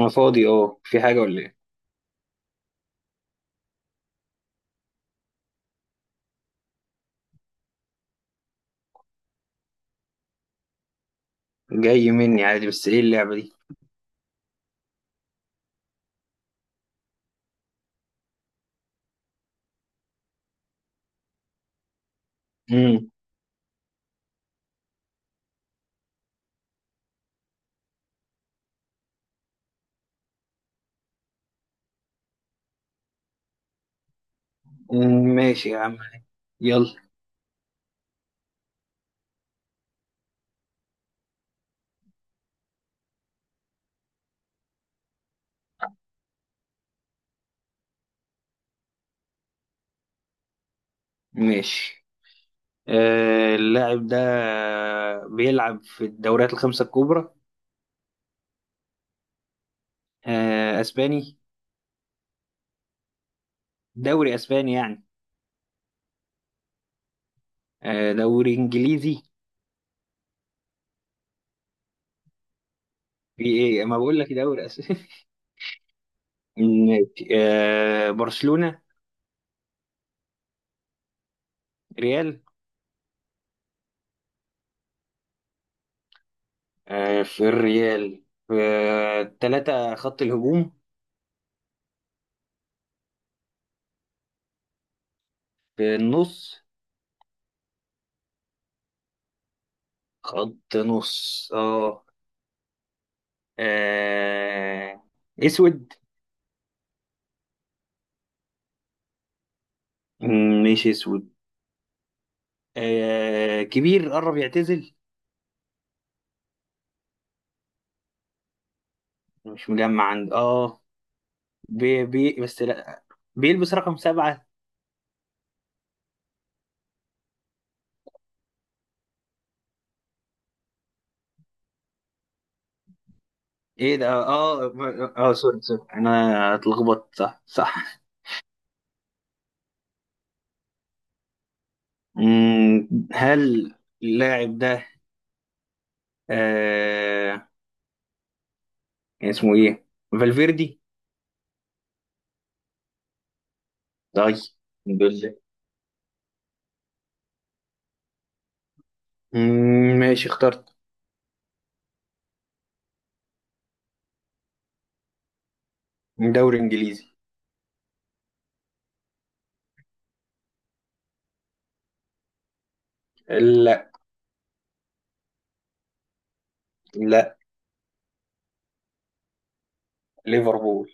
انا فاضي، اه، في حاجة ولا ايه؟ جاي مني عادي، بس ايه اللعبة دي؟ مم. ماشي يا عم. يلا. ماشي. اللاعب ده بيلعب في الدوريات الخمسة الكبرى. آه، اسباني. دوري اسباني يعني. دوري انجليزي. في ايه، ما بقول لك دوري اسباني؟ ماشي. برشلونة. ريال. في الريال في ثلاثة خط الهجوم. في النص. خط نص، اه. آه... اسود. ماشي اسود. كبير، قرب يعتزل. مش مجمع عند. بس لا. بيلبس رقم 7. ايه ده، اه اه. آه، آه، سوري سوري، انا اتلخبطت، صح صح. هل اللاعب ده آه... كان اسمه ايه؟ فالفيردي. طيب. الحمد لله. ماشي اخترت. دوري انجليزي. لا. لا. ليفربول.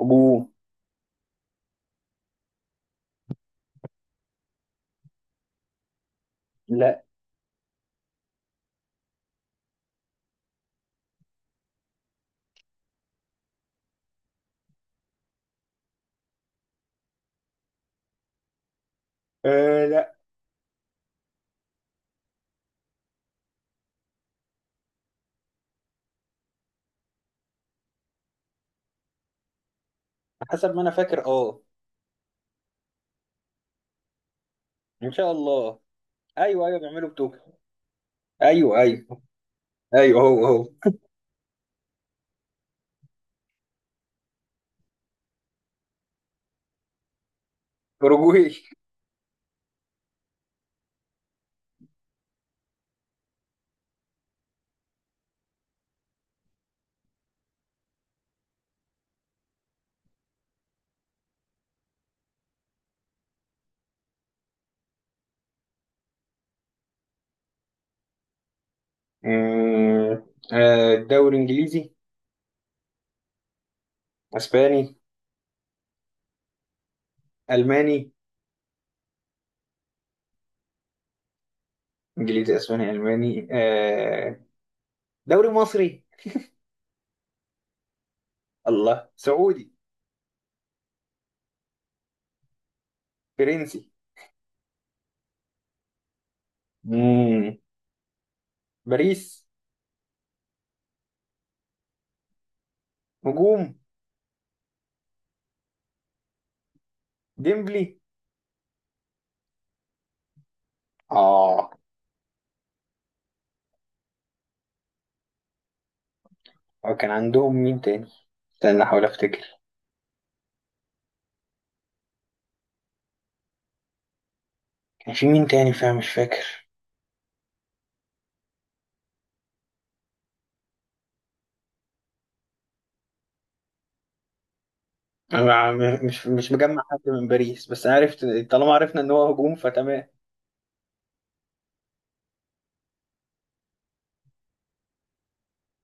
هجوم. لا. لا. حسب ما انا فاكر، اه. ان شاء الله. ايوه ايوه، بيعملوا بتوكيو. ايوه ايوه. ايوه، هو هو. اوروجواي. أمم، آه، دوري انجليزي. اسباني. الماني. انجليزي اسباني الماني. دوري مصري. الله، سعودي. فرنسي. أمم، باريس. هجوم. ديمبلي. اه هو كان عندهم مين تاني؟ استنى احاول افتكر. كان في مين تاني، فاهم؟ مش فاكر. أنا مش مجمع حد من باريس، بس عرفت. طالما عرفنا ان هو هجوم فتمام.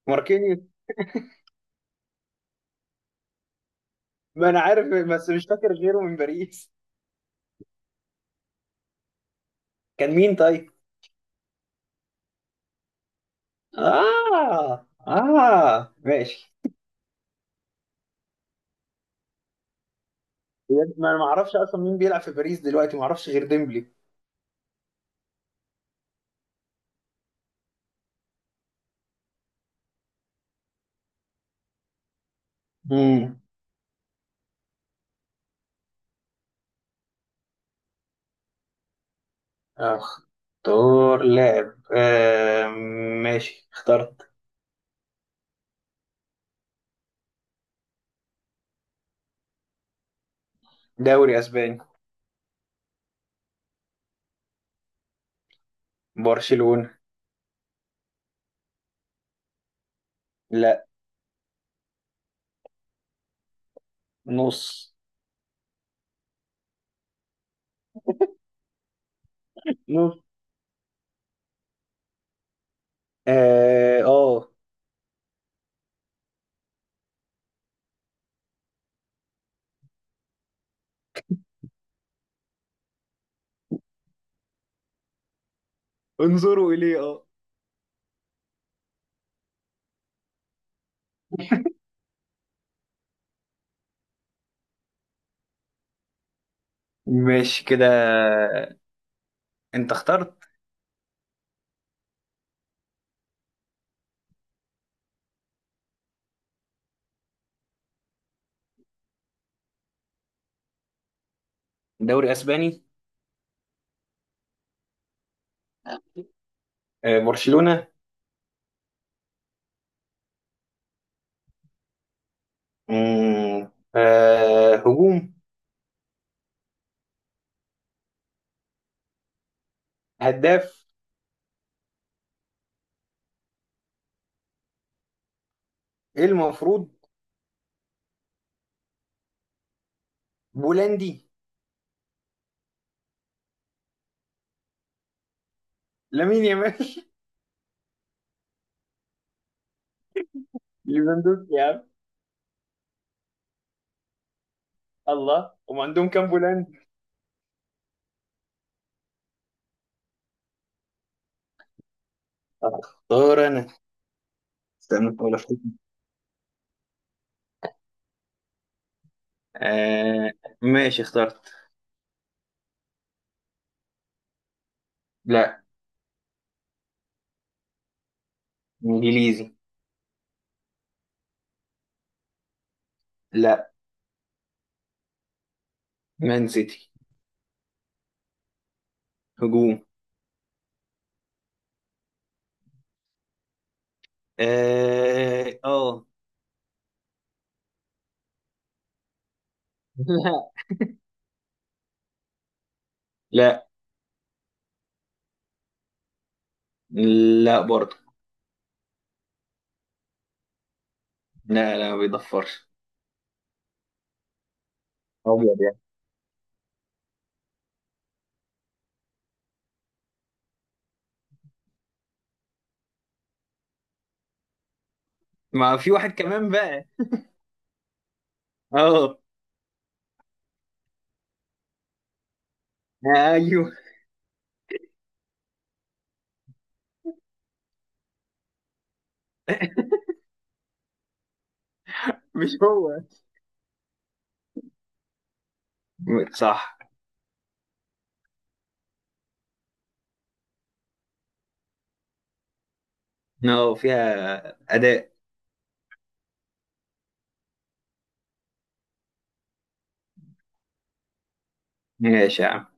ماركينيوس. ما انا عارف بس مش فاكر غيره من باريس. كان مين طيب؟ اه اه، ماشي. بجد، ما انا ما اعرفش اصلا مين بيلعب في باريس دلوقتي، ما اعرفش غير ديمبلي. امم. اختار لاعب، آه. ماشي اخترت. دوري اسباني. برشلونة. لا. نص. نص، اه. آه انظروا اليه، اه. ماشي كده. انت اخترت. دوري اسباني. برشلونة. هجوم. هداف. ايه المفروض؟ بولندي. لامين يامال ليفاندوفسكي يا عم. الله، هم عندهم كام بولندي؟ اختار انا. استنى احاول افتكر آه ماشي اخترت. لا. انجليزي. لا. مان سيتي. هجوم. اه اه. لا. لا. لا برضه. لا لا، ما بيضفرش. ابيض يعني. ما في واحد كمان بقى. اه. ايوه. مش هو. صح. اه، فيها اداء. ماشي يا عم.